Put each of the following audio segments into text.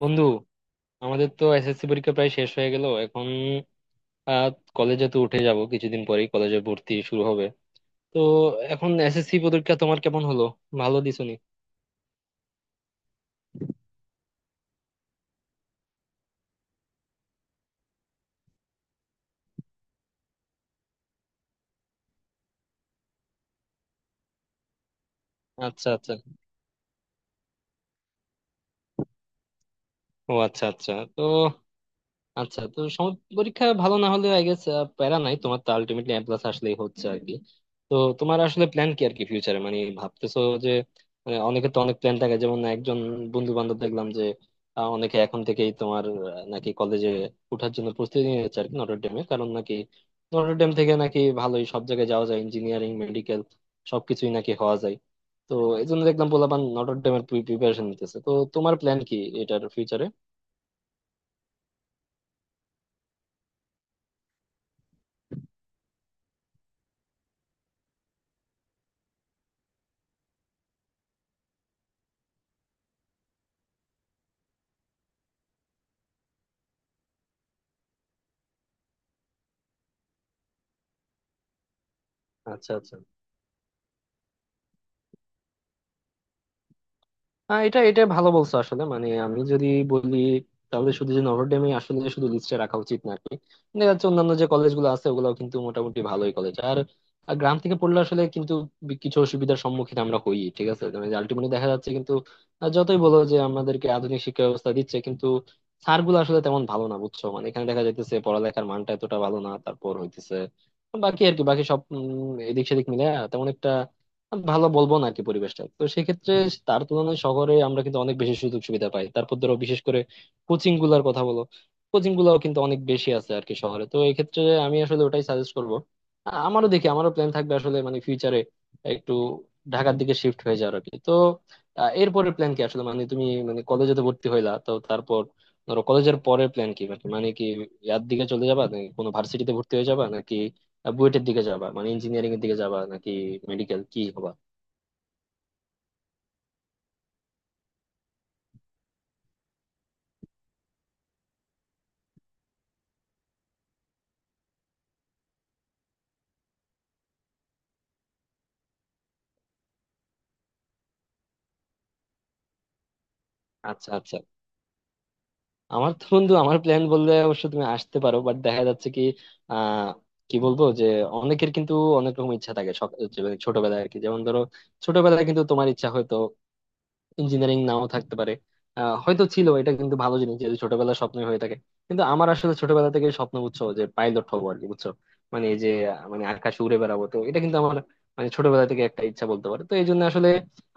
বন্ধু, আমাদের তো এসএসসি পরীক্ষা প্রায় শেষ হয়ে গেল এখন। আহ, কলেজে তো উঠে যাব, কিছুদিন পরেই কলেজে ভর্তি শুরু হবে। তো এখন এসএসসি পরীক্ষা তোমার কেমন হলো? ভালো দিছনি? আচ্ছা, আচ্ছা। ও আচ্ছা, আচ্ছা। তো আচ্ছা, তো পরীক্ষা ভালো না হলে আই গেস প্যারা নাই, তোমার তো আলটিমেটলি এ প্লাস আসলেই হচ্ছে আর কি। তো তোমার আসলে প্ল্যান কি আর কি ফিউচারে, মানে ভাবতেছো যে মানে অনেকে তো অনেক প্ল্যান থাকে, যেমন একজন বন্ধু বান্ধব দেখলাম যে অনেকে এখন থেকেই তোমার নাকি কলেজে ওঠার জন্য প্রস্তুতি নিয়ে যাচ্ছে আর কি, নটর ডেমে, কারণ নাকি নটর ডেম থেকে নাকি ভালোই সব জায়গায় যাওয়া যায়, ইঞ্জিনিয়ারিং, মেডিকেল, সবকিছুই নাকি হওয়া যায়। তো এই জন্য দেখলাম পোলাপান নটর ডেমের প্রিপারেশন নিতেছে। তো তোমার প্ল্যান কি এটার ফিউচারে? আচ্ছা, আচ্ছা। এটা, এটা ভালো বলছো আসলে, মানে আমি যদি বলি তাহলে শুধু যে নভরডেমে আসলে শুধু লিস্টে রাখা উচিত না আর কি। দেখা যাচ্ছে অন্যান্য যে কলেজগুলো আছে ওগুলাও কিন্তু মোটামুটি ভালোই কলেজ। আর আর গ্রাম থেকে পড়লে আসলে কিন্তু কিছু অসুবিধার সম্মুখীন আমরা হই। ঠিক আছে, মানে আলটিমেটলি দেখা যাচ্ছে কিন্তু যতই বলো যে আমাদেরকে আধুনিক শিক্ষা ব্যবস্থা দিচ্ছে, কিন্তু স্যারগুলো আসলে তেমন ভালো না, বুঝছো? মানে এখানে দেখা যাইতেছে পড়ালেখার মানটা এতটা ভালো না। তারপর হইতেছে বাকি, আর কি বাকি সব এদিক সেদিক মিলে তেমন একটা ভালো বলবো না আর কি, পরিবেশটা তো সেক্ষেত্রে। তার তুলনায় শহরে আমরা কিন্তু অনেক বেশি সুযোগ সুবিধা পাই। তারপর ধরো, বিশেষ করে কোচিং গুলার কথা বলো, কোচিং গুলাও কিন্তু অনেক বেশি আছে আর কি শহরে, তো এই ক্ষেত্রে আমি আসলে ওটাই সাজেস্ট করব। আমারও প্ল্যান থাকবে আসলে মানে ফিউচারে একটু ঢাকার দিকে শিফট হয়ে যাওয়ার আর কি। তো আ, এরপরের প্ল্যান কি আসলে, মানে তুমি, মানে কলেজে তো ভর্তি হইলা, তো তারপর ধরো কলেজের পরের প্ল্যান কি, মানে মানে কি ইয়ার দিকে চলে যাবা নাকি কোনো ভার্সিটিতে ভর্তি হয়ে যাবা নাকি বুয়েটের দিকে যাবা, মানে ইঞ্জিনিয়ারিং এর দিকে যাবা নাকি মেডিকেল কি হবা? আচ্ছা, আচ্ছা। আমার তো বন্ধু আমার প্ল্যান বললে অবশ্য তুমি আসতে পারো, বাট দেখা যাচ্ছে কি আহ কি বলবো যে অনেকের কিন্তু অনেক রকম ইচ্ছা থাকে যে ছোটবেলায় আর কি, যেমন ধরো ছোটবেলায় কিন্তু তোমার ইচ্ছা হয়তো ইঞ্জিনিয়ারিং নাও থাকতে পারে, হয়তো ছিল, এটা কিন্তু ভালো জিনিস যদি ছোটবেলার স্বপ্ন হয়ে থাকে। কিন্তু আমার আসলে ছোটবেলা থেকে স্বপ্ন, বুঝছো, যে পাইলট হবো আর কি, বুঝছো, মানে এই যে মানে আকাশে উড়ে বেড়াবো। তো এটা কিন্তু আমার মানে ছোটবেলা থেকে একটা ইচ্ছা বলতে পারে। তো এই জন্য আসলে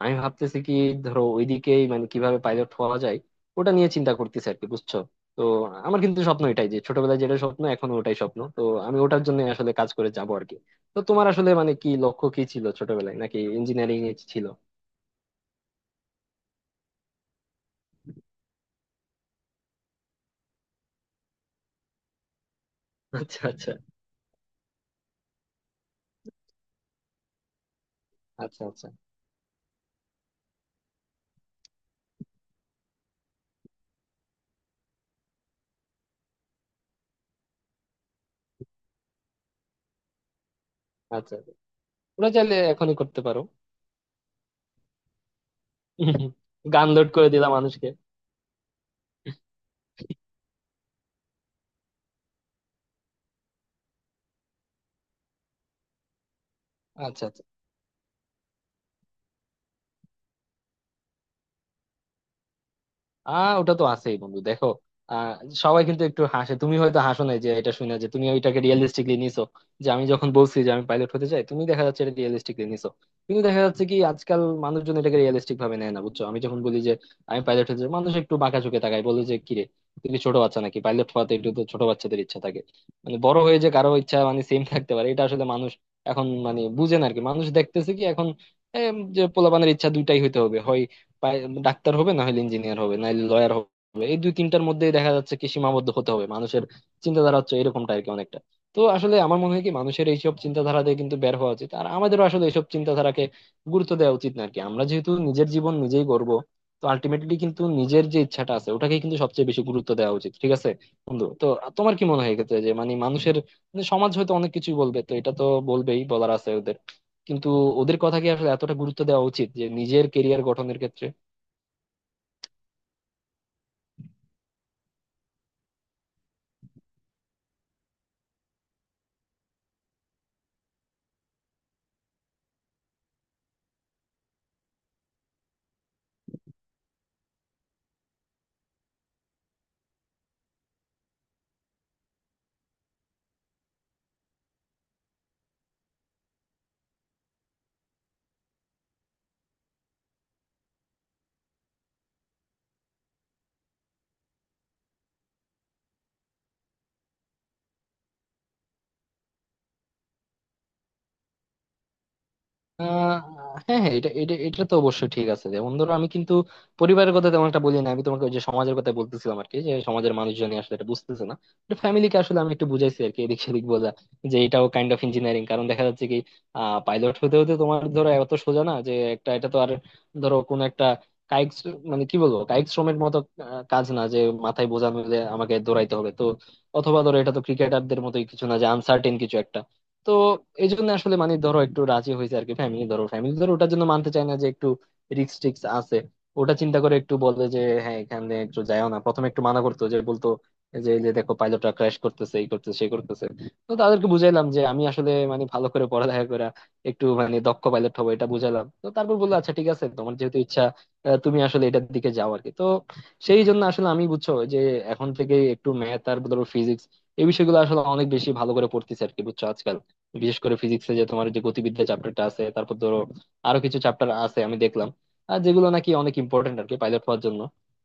আমি ভাবতেছি কি ধরো ওইদিকেই, মানে কিভাবে পাইলট হওয়া যায় ওটা নিয়ে চিন্তা করতেছি আর কি, বুঝছো। তো আমার কিন্তু স্বপ্ন এটাই যে ছোটবেলায় যেটা স্বপ্ন এখন ওটাই স্বপ্ন। তো আমি ওটার জন্য আসলে কাজ করে যাবো আর কি। তো তোমার আসলে মানে কি লক্ষ্য কি ছিল ছোটবেলায়, নাকি ইঞ্জিনিয়ারিং এ ছিল? আচ্ছা, আচ্ছা। আচ্ছা, আচ্ছা। আচ্ছা, আচ্ছা। ওটা চাইলে এখনই করতে পারো। গান লোড করে দিলাম মানুষকে। আচ্ছা, আচ্ছা। ওটা তো আছেই বন্ধু, দেখো আহ সবাই কিন্তু একটু হাসে, তুমি হয়তো হাসো না, যে এটা শুনে যে তুমি ওইটাকে রিয়েলিস্টিকলি নিছো, যে আমি যখন বলছি যে আমি পাইলট হতে চাই, তুমি দেখা যাচ্ছে এটা রিয়েলিস্টিকলি নিছো। কিন্তু দেখা যাচ্ছে কি আজকাল মানুষজন এটাকে রিয়েলিস্টিক ভাবে নেয় না, বুঝছো। আমি যখন বলি যে আমি পাইলট হতে চাই, মানুষ একটু বাঁকা চোখে তাকায়, বলে যে কিরে তুই কি ছোট বাচ্চা নাকি, পাইলট হওয়াতে একটু তো ছোট বাচ্চাদের ইচ্ছা থাকে, মানে বড় হয়ে যে কারো ইচ্ছা মানে সেম থাকতে পারে এটা আসলে মানুষ এখন মানে বুঝে না আর কি। মানুষ দেখতেছে কি এখন যে পোলাপানের ইচ্ছা দুইটাই হইতে হবে, হয় পাই- ডাক্তার হবে, না হলে ইঞ্জিনিয়ার হবে, নাহলে লয়ার হবে। এই দুই তিনটার মধ্যেই দেখা যাচ্ছে কি সীমাবদ্ধ হতে হবে, মানুষের চিন্তাধারা হচ্ছে এরকমটা আর কি অনেকটা। তো আসলে আমার মনে হয় কি মানুষের এইসব চিন্তাধারা থেকে কিন্তু বের হওয়া উচিত, আর আমাদেরও আসলে এইসব চিন্তাধারাকে গুরুত্ব দেওয়া উচিত না আর কি। আমরা যেহেতু নিজের জীবন নিজেই গড়বো, তো আলটিমেটলি কিন্তু নিজের যে ইচ্ছাটা আছে ওটাকে কিন্তু সবচেয়ে বেশি গুরুত্ব দেওয়া উচিত, ঠিক আছে বন্ধু। তো তোমার কি মনে হয় এক্ষেত্রে যে মানে মানুষের, মানে সমাজ হয়তো অনেক কিছুই বলবে, তো এটা তো বলবেই, বলার আছে ওদের। কিন্তু ওদের কথা কি আসলে এতটা গুরুত্ব দেওয়া উচিত যে নিজের কেরিয়ার গঠনের ক্ষেত্রে? আহ হ্যাঁ, হ্যাঁ, এটা এটা এটা তো অবশ্যই ঠিক আছে। যেমন ধরো আমি কিন্তু পরিবারের কথা তেমন একটা বলি না, আমি তোমাকে ওই যে সমাজের কথা বলতেছিলাম আর কি, যে সমাজের মানুষজন আসলে এটা বুঝতেছে না। ফ্যামিলিকে আসলে আমি একটু বুঝাইছি আর কি, এদিক সেদিক বোঝা যে এটাও কাইন্ড অফ ইঞ্জিনিয়ারিং, কারণ দেখা যাচ্ছে কি পাইলট হতে হতে তোমার ধরো এত সোজা না যে একটা, এটা তো আর ধরো কোন একটা মানে কি বলবো কায়িক শ্রমের মতো কাজ না যে মাথায় বোঝা নিলে আমাকে দৌড়াইতে হবে। তো অথবা ধরো এটা তো ক্রিকেটারদের মতোই কিছু না যে আনসার্টেন কিছু একটা। তো এই জন্য আসলে মানে ধরো একটু রাজি হয়েছে আর কি ফ্যামিলি ধরো ওটার জন্য মানতে চায় না যে একটু রিক্স টিক্স আছে ওটা চিন্তা করে একটু বলে যে হ্যাঁ এখানে একটু যাও না। প্রথমে একটু মানা করতো, যে বলতো যে এই যে দেখো পাইলটরা ক্র্যাশ করতেছে, এই করতেছে সেই করতেছে। তো তাদেরকে বুঝাইলাম যে আমি আসলে মানে ভালো করে পড়ালেখা করে একটু মানে দক্ষ পাইলট হবো, এটা বুঝাইলাম। তো তারপর বললো আচ্ছা ঠিক আছে তোমার যেহেতু ইচ্ছা তুমি আসলে এটার দিকে যাও আর কি। তো সেই জন্য আসলে আমি, বুঝছো যে এখন থেকে একটু ম্যাথ আর ধরো ফিজিক্স, এই বিষয়গুলো আসলে অনেক বেশি ভালো করে পড়তেছি আর কি, বুঝছো, আজকাল। বিশেষ করে ফিজিক্সে যে তোমার যে গতিবিদ্যা চ্যাপ্টারটা আছে, তারপর ধরো আরো কিছু চ্যাপ্টার আছে আমি দেখলাম, আর যেগুলো নাকি অনেক ইম্পর্টেন্ট আর কি পাইলট হওয়ার জন্য।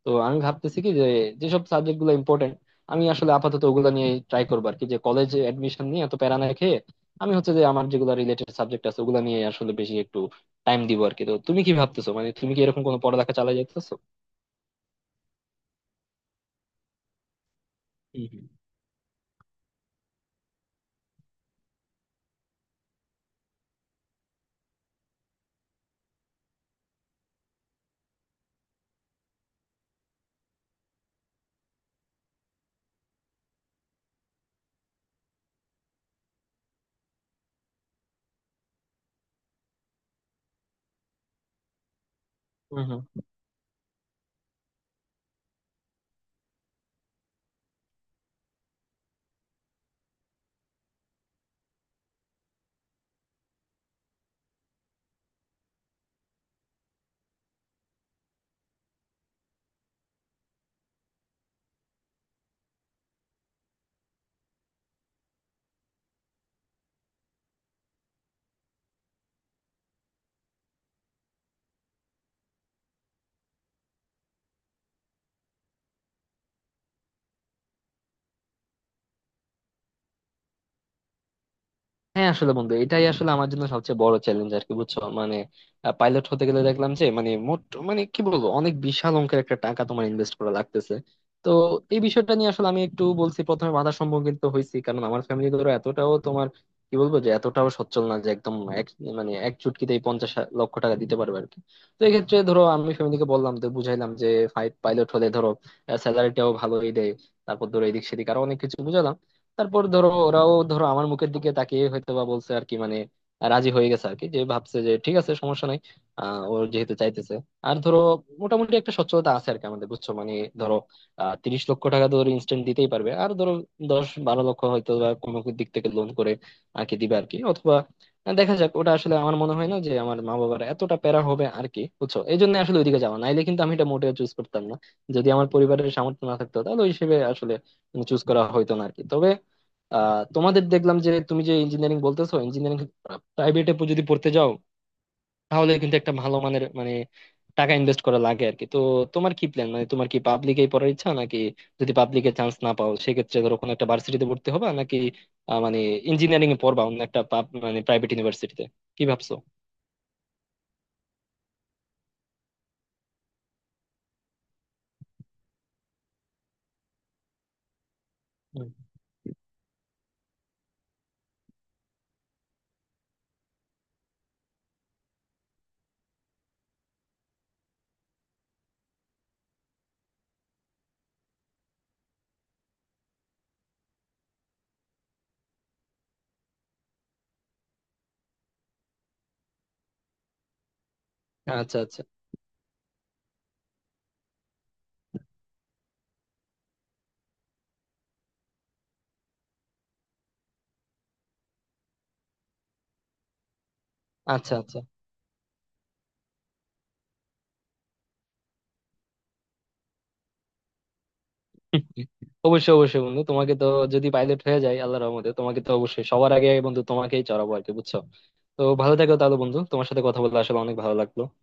তো আমি ভাবতেছি কি যে যেসব সাবজেক্ট গুলো ইম্পর্টেন্ট আমি আসলে আপাতত ওগুলো নিয়ে ট্রাই করবো আর কি, যে কলেজ এডমিশন নিয়ে এত প্যারা না খেয়ে আমি হচ্ছে যে আমার যেগুলো রিলেটেড সাবজেক্ট আছে ওগুলো নিয়ে আসলে বেশি একটু টাইম দিব আর কি। তো তুমি কি ভাবতেছো, মানে তুমি কি এরকম কোনো পড়ালেখা চালাই যাইতেছো? হুম। হুম। হ্যাঁ আসলে বন্ধু এটাই আসলে আমার জন্য সবচেয়ে বড় চ্যালেঞ্জ আর কি, বুঝছো মানে পাইলট হতে গেলে দেখলাম যে মানে মোট মানে কি বলবো অনেক বিশাল অঙ্কের একটা টাকা তোমার ইনভেস্ট করা লাগতেছে। তো এই বিষয়টা নিয়ে আসলে আমি একটু বলছি, প্রথমে বাধার সম্মুখীন তো হয়েছি, কারণ আমার ফ্যামিলি ধরো এতটাও তোমার কি বলবো যে এতটাও সচ্ছল না যে একদম এক মানে এক চুটকিতেই 50 লক্ষ টাকা দিতে পারবে আর কি। তো এক্ষেত্রে ধরো আমি ফ্যামিলিকে বললাম, তো বুঝাইলাম যে ফাইভ পাইলট হলে ধরো স্যালারিটাও ভালোই দেয়। তারপর ধরো এদিক সেদিক আরো অনেক কিছু বুঝালাম। তারপর ধরো ওরাও ধরো আমার মুখের দিকে তাকিয়ে হয়তো বা বলছে আর কি, মানে রাজি হয়ে গেছে আর কি, যে ভাবছে যে ঠিক আছে সমস্যা নাই ওর যেহেতু চাইতেছে। আর ধরো মোটামুটি একটা সচ্ছলতা আছে আর কি আমাদের, বুঝছো মানে ধরো 30 লক্ষ টাকা ধরো ইনস্ট্যান্ট দিতেই পারবে, আর ধরো 10-12 লক্ষ হয়তো বা কোনো দিক থেকে লোন করে আর কি দিবে আর কি, অথবা দেখা যাক। ওটা আসলে আমার মনে হয় না যে আমার মা বাবার এতটা প্যারা হবে আর কি, বুঝছো, এই জন্য আসলে ওইদিকে যাওয়া, নাইলে কিন্তু আমি এটা মোটেও চুজ করতাম না। যদি আমার পরিবারের সামর্থ্য না থাকতো তাহলে ওই হিসেবে আসলে চুজ করা হইতো না আর কি। তবে তোমাদের দেখলাম যে তুমি যে ইঞ্জিনিয়ারিং বলতেছো, ইঞ্জিনিয়ারিং প্রাইভেটে যদি পড়তে যাও তাহলে কিন্তু একটা ভালো মানের মানে টাকা ইনভেস্ট করা লাগে আর কি। তো তোমার কি প্ল্যান, মানে তোমার কি পাবলিকেই পড়ার ইচ্ছা, নাকি যদি পাবলিকে চান্স না পাও সেক্ষেত্রে ধরো কোনো একটা ভার্সিটিতে ভর্তি হবা নাকি মানে ইঞ্জিনিয়ারিং এ পড়বা অন্য একটা মানে প্রাইভেট ইউনিভার্সিটিতে, কি ভাবছো? হুম। আচ্ছা, আচ্ছা। আচ্ছা, আচ্ছা। অবশ্যই, অবশ্যই বন্ধু, তোমাকে তো যদি পাইলট হয়ে যায় আল্লাহ রহমতে তোমাকে তো অবশ্যই সবার আগে, বন্ধু তোমাকেই চড়াবো আর কি, বুঝছো। তো ভালো থাকো তাহলে বন্ধু, তোমার সাথে কথা বলতে আসলে অনেক ভালো লাগলো।